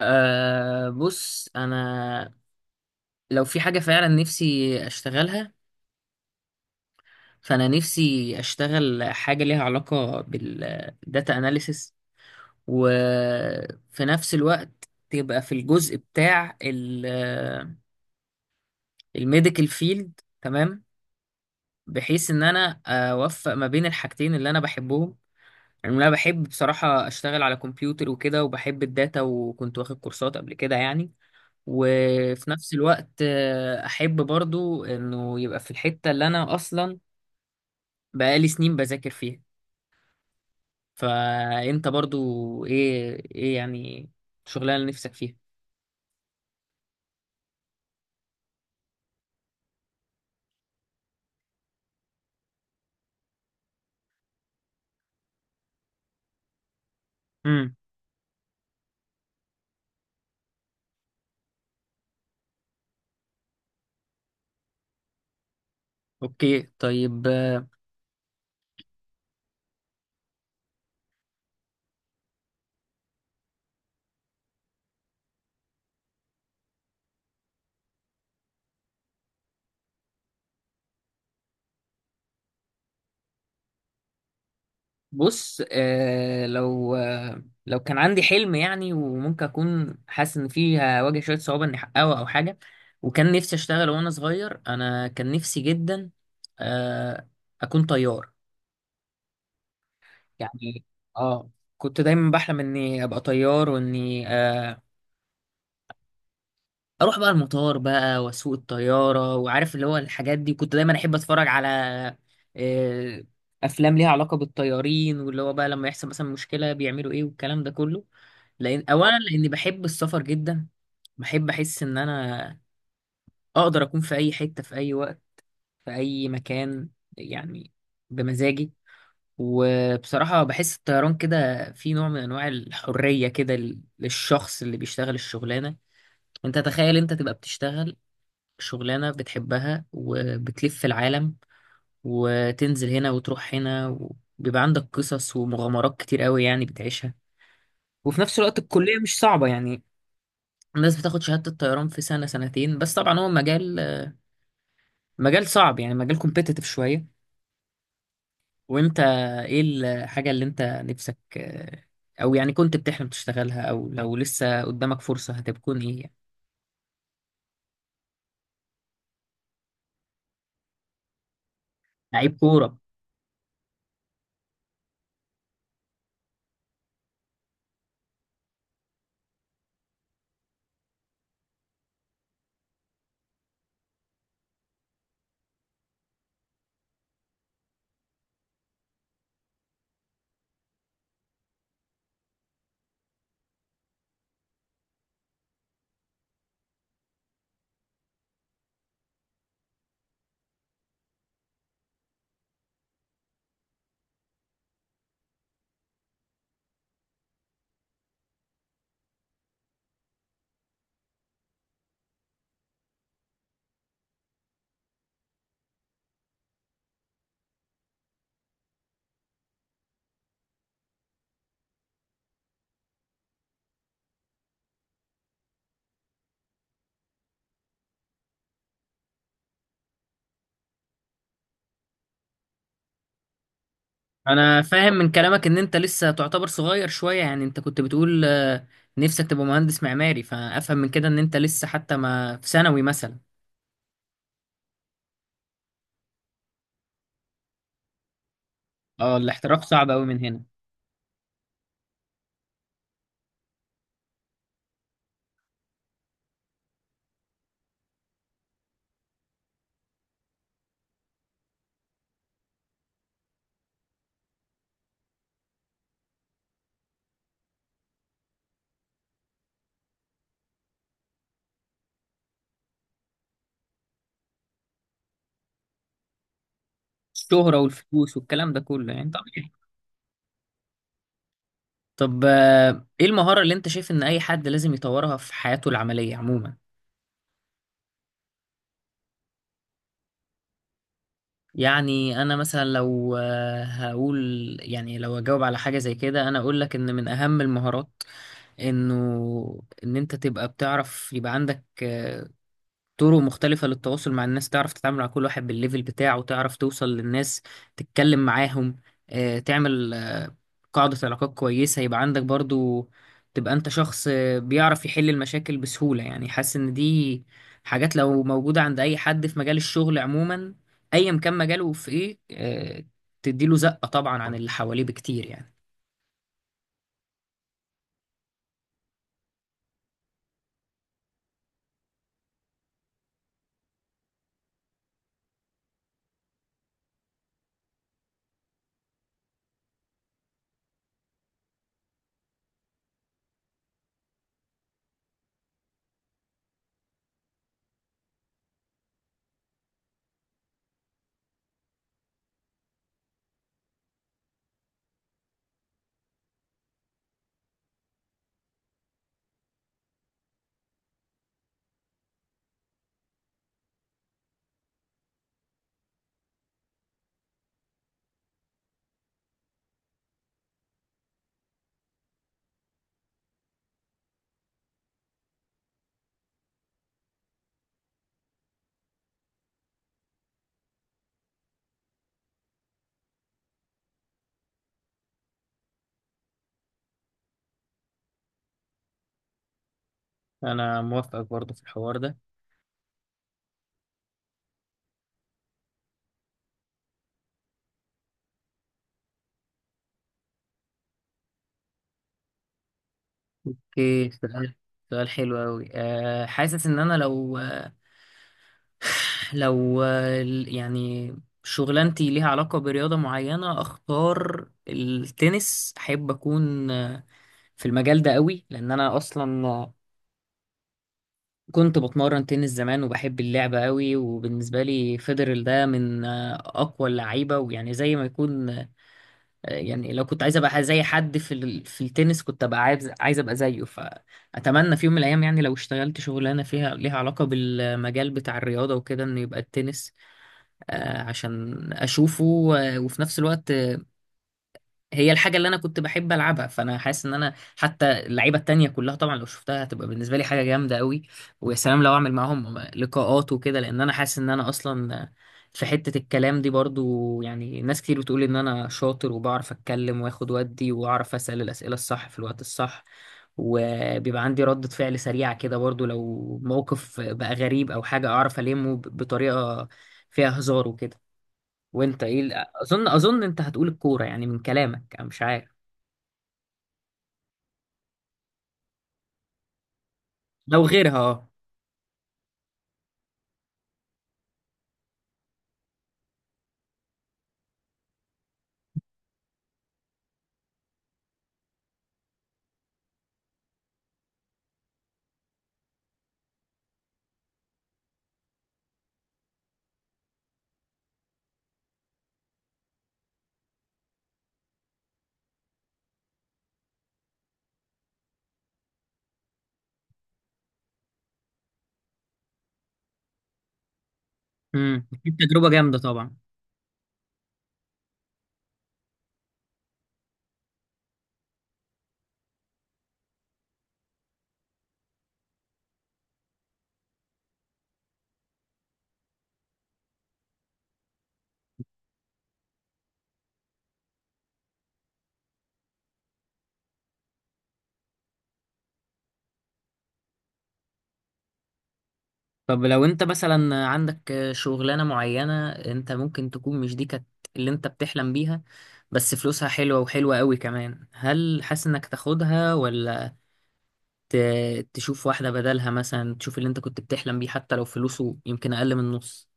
أه بص انا لو في حاجه فعلا نفسي اشتغلها، فانا نفسي اشتغل حاجه ليها علاقه بالداتا اناليسس، وفي نفس الوقت تبقى في الجزء بتاع الميديكال فيلد. تمام، بحيث ان انا اوفق ما بين الحاجتين اللي انا بحبهم. يعني انا بحب بصراحه اشتغل على كمبيوتر وكده، وبحب الداتا وكنت واخد كورسات قبل كده يعني. وفي نفس الوقت احب برضو انه يبقى في الحتة اللي انا اصلا بقالي سنين بذاكر فيها. فانت برضو ايه يعني الشغلانة اللي نفسك فيها؟ امم. اوكي، طيب. بص، لو كان عندي حلم يعني، وممكن اكون حاسس ان فيه هواجه شوية صعوبة اني احققه او حاجة، وكان نفسي اشتغل وانا صغير، انا كان نفسي جدا آه اكون طيار يعني. اه، كنت دايما بحلم اني ابقى طيار، واني اروح بقى المطار بقى واسوق الطياره، وعارف اللي هو الحاجات دي. كنت دايما احب اتفرج على آه افلام ليها علاقه بالطيارين، واللي هو بقى لما يحصل مثلا مشكله بيعملوا ايه والكلام ده كله. لان اولا لاني بحب السفر جدا، بحب احس ان انا اقدر اكون في اي حته في اي وقت، في اي مكان يعني، بمزاجي. وبصراحة بحس الطيران كده في نوع من أنواع الحرية كده ل- للشخص اللي بيشتغل الشغلانة. أنت تخيل أنت تبقى بتشتغل شغلانة بتحبها وبتلف في العالم، وتنزل هنا وتروح هنا، وبيبقى عندك قصص ومغامرات كتير قوي يعني بتعيشها. وفي نفس الوقت الكلية مش صعبة يعني، الناس بتاخد شهادة الطيران في سنة سنتين. بس طبعا هو مجال صعب، يعني مجال كومبيتيتيف شوية. وانت ايه الحاجة اللي انت نفسك او يعني كنت بتحلم تشتغلها، او لو لسه قدامك فرصة هتكون ايه يعني؟ لعيب كورة! انا فاهم من كلامك ان انت لسه تعتبر صغير شوية. يعني انت كنت بتقول نفسك تبقى مهندس معماري، فافهم من كده ان انت لسه حتى ما في ثانوي مثلا. اه، الاحتراف صعب قوي من هنا. الشهرة والفلوس والكلام ده كله، يعني طبيعي. طب ايه المهارة اللي انت شايف ان اي حد لازم يطورها في حياته العملية عموما؟ يعني انا مثلا لو هقول، يعني لو اجاوب على حاجه زي كده انا اقول لك ان من اهم المهارات، انه ان انت تبقى بتعرف، يبقى عندك طرق مختلفة للتواصل مع الناس، تعرف تتعامل مع كل واحد بالليفل بتاعه، تعرف توصل للناس، تتكلم معاهم، تعمل قاعدة علاقات كويسة. يبقى عندك برضو تبقى انت شخص بيعرف يحل المشاكل بسهولة. يعني حاسس ان دي حاجات لو موجودة عند اي حد في مجال الشغل عموما، ايا كان مجاله في ايه، تديله زقة طبعا عن اللي حواليه بكتير يعني. انا موافقك برضو في الحوار ده. اوكي، سؤال. سؤال حلو أوي. أه، حاسس إن أنا لو، لو يعني شغلانتي ليها علاقة برياضة معينة، أختار التنس. أحب أكون في المجال ده قوي، لأن أنا أصلا كنت بتمرن تنس زمان وبحب اللعبة قوي. وبالنسبة لي فيدرل ده من أقوى اللعيبة، ويعني زي ما يكون يعني لو كنت عايز أبقى زي حد في ال- في التنس كنت أبقى عايز أبقى زيه. فأتمنى في يوم من الأيام يعني لو اشتغلت شغلانة فيها ليها علاقة بالمجال بتاع الرياضة وكده، إن يبقى التنس، عشان اشوفه، وفي نفس الوقت هي الحاجه اللي انا كنت بحب العبها. فانا حاسس ان انا حتى اللعيبه التانية كلها طبعا لو شفتها هتبقى بالنسبه لي حاجه جامده قوي. ويا سلام لو اعمل معاهم لقاءات وكده، لان انا حاسس ان انا اصلا في حته الكلام دي برضو، يعني ناس كتير بتقول ان انا شاطر وبعرف اتكلم واخد ودي واعرف اسال الاسئله الصح في الوقت الصح. وبيبقى عندي ردة فعل سريعة كده برضو، لو موقف بقى غريب أو حاجة أعرف ألمه ب- بطريقة فيها هزار وكده. وانت ايه ال- اظن انت هتقول الكوره يعني من كلامك، انا مش عارف، لو غيرها. اه. امم، اكيد تجربه جامده طبعا. طب لو انت مثلا عندك شغلانه معينه، انت ممكن تكون مش دي كانت اللي انت بتحلم بيها، بس فلوسها حلوه وحلوه قوي كمان، هل حاسس انك تاخدها، ولا ت- تشوف واحده بدلها؟ مثلا تشوف اللي انت كنت بتحلم بيه حتى لو فلوسه يمكن اقل من النص.